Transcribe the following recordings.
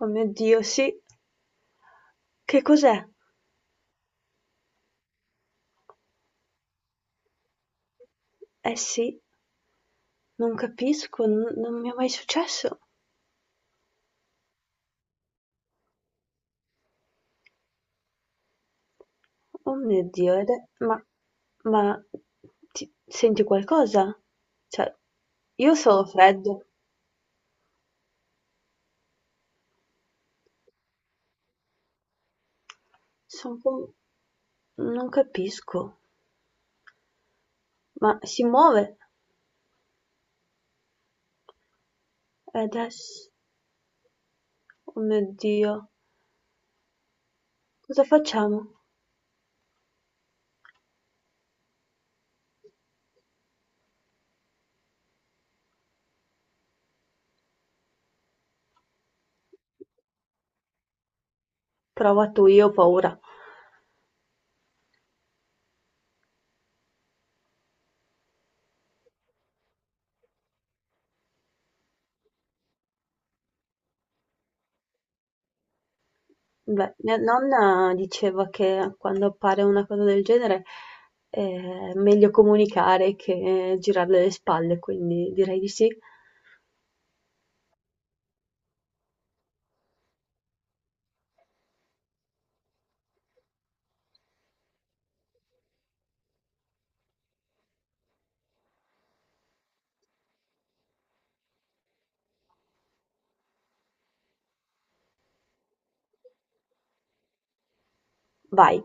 Oh mio Dio, sì. Che cos'è? Eh sì, non capisco, non mi è mai successo. Oh mio Dio, ed è- ma ti- senti qualcosa? Cioè, io sono freddo, sono com- non capisco, ma si muove. E adesso, oh mio Dio, cosa facciamo? Prova tu, io ho paura. Beh, mia nonna diceva che quando appare una cosa del genere è meglio comunicare che girarle le spalle, quindi direi di sì. Vai.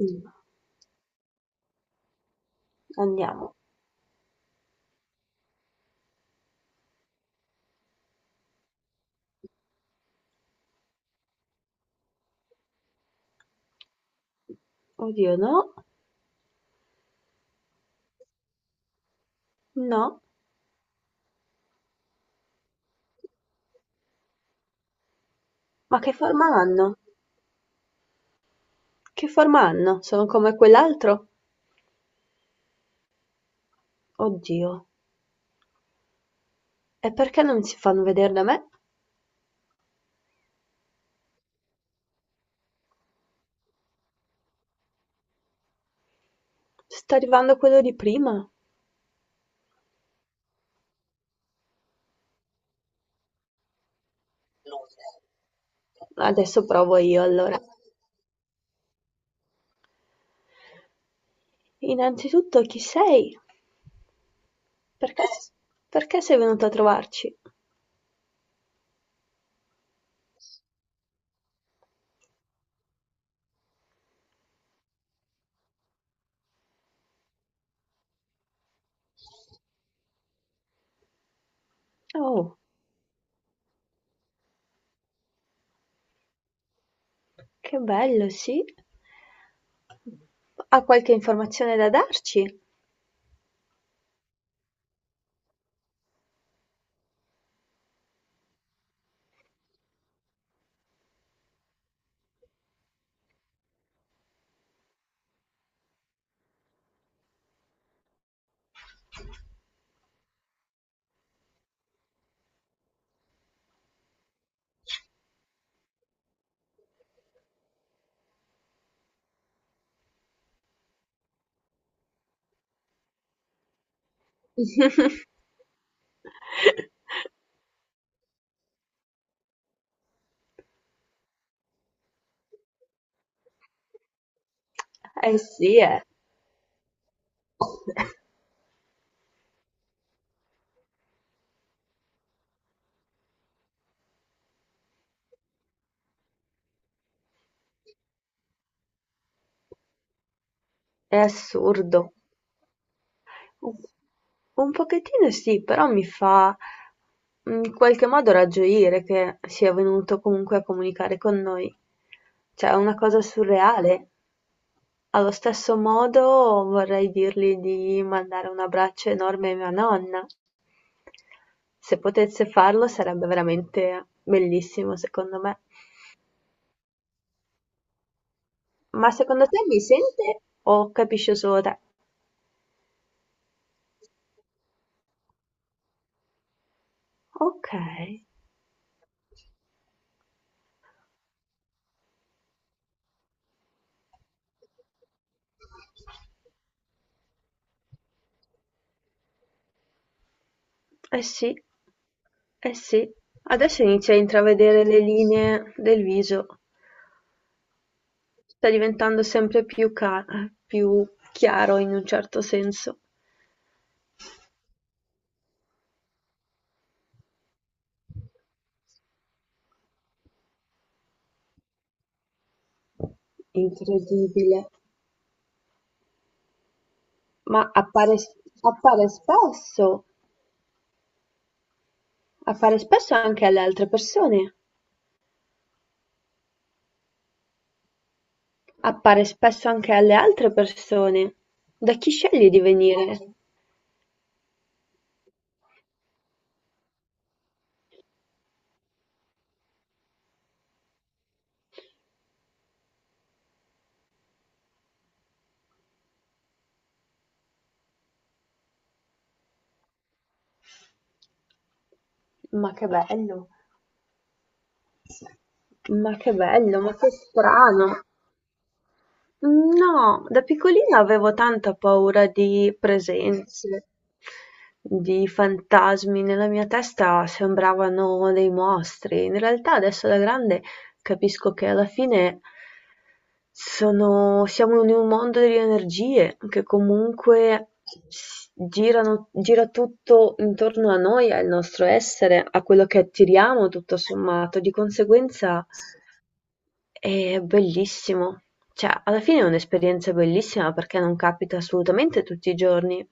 Mm. Andiamo. Oddio, no, no. Ma che forma hanno? Che forma hanno? Sono come quell'altro? Oddio. E perché non si fanno vedere da me? Sta arrivando quello di prima. Adesso provo io allora. Innanzitutto, chi sei? Perché, perché sei venuto a trovarci? Oh, che bello, sì. Ha qualche informazione da darci? Eh sì, è assurdo. Un un pochettino sì, però mi fa in qualche modo ragioire che sia venuto comunque a comunicare con noi. Cioè, è una cosa surreale. Allo stesso modo vorrei dirgli di mandare un abbraccio enorme a mia nonna. Se potesse farlo sarebbe veramente bellissimo, secondo me. Ma secondo te mi sente o capisce solo te? Ok, eh sì, eh sì. Adesso inizia a intravedere le linee del viso. Sta diventando più chiaro in un certo senso. Incredibile. Ma appare, appare spesso, appare spesso anche alle altre persone. Appare spesso anche alle altre persone. Da chi scegli di venire? Ma che bello. Ma che bello, ma che strano. No, da piccolina avevo tanta paura di presenze, di fantasmi. Nella mia testa sembravano dei mostri. In realtà adesso da grande capisco che alla fine siamo in un mondo di energie che comunque girano, gira tutto intorno a noi, al nostro essere, a quello che attiriamo, tutto sommato. Di conseguenza. È bellissimo. Cioè, alla fine è un'esperienza bellissima perché non capita assolutamente tutti i giorni.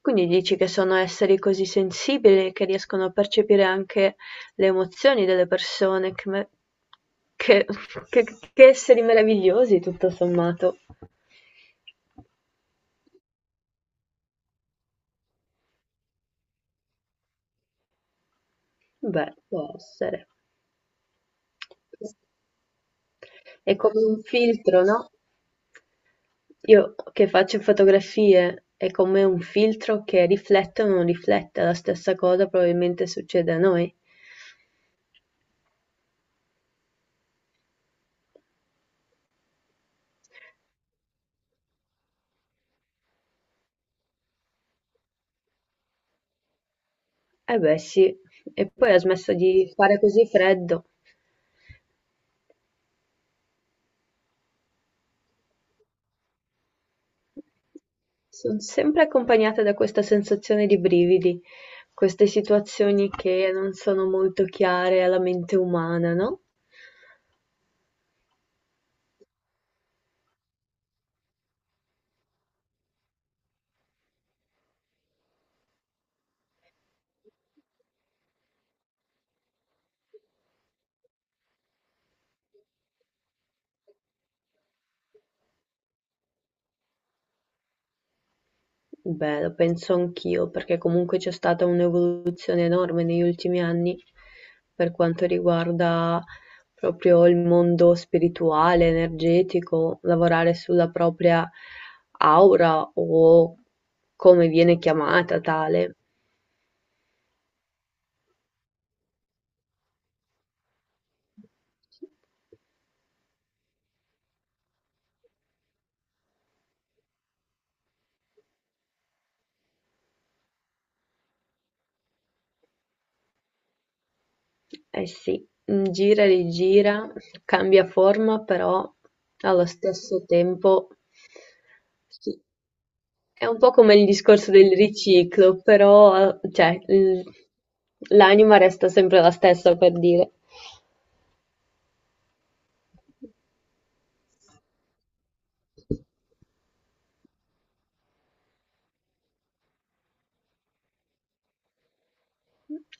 Quindi dici che sono esseri così sensibili che riescono a percepire anche le emozioni delle persone. Che- che- che esseri meravigliosi, tutto sommato. Beh, può essere. È come un filtro, no? Io che faccio fotografie è come un filtro che riflette o non riflette, la stessa cosa probabilmente succede a noi. Eh beh sì, e poi ha smesso di fare così freddo. Son sempre accompagnata da questa sensazione di brividi, queste situazioni che non sono molto chiare alla mente umana, no? Beh, lo penso anch'io, perché comunque c'è stata un'evoluzione enorme negli ultimi anni per quanto riguarda proprio il mondo spirituale, energetico, lavorare sulla propria aura o come viene chiamata tale. Eh sì, gira e rigira, cambia forma, però allo stesso tempo sì. È un po' come il discorso del riciclo, però, l'anima resta sempre la stessa, per dire.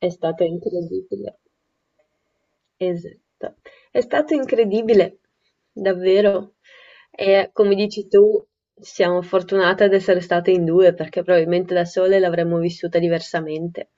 È stato incredibile. Esatto. È stato incredibile, davvero. E come dici tu, siamo fortunate ad essere state in due, perché probabilmente da sole l'avremmo vissuta diversamente.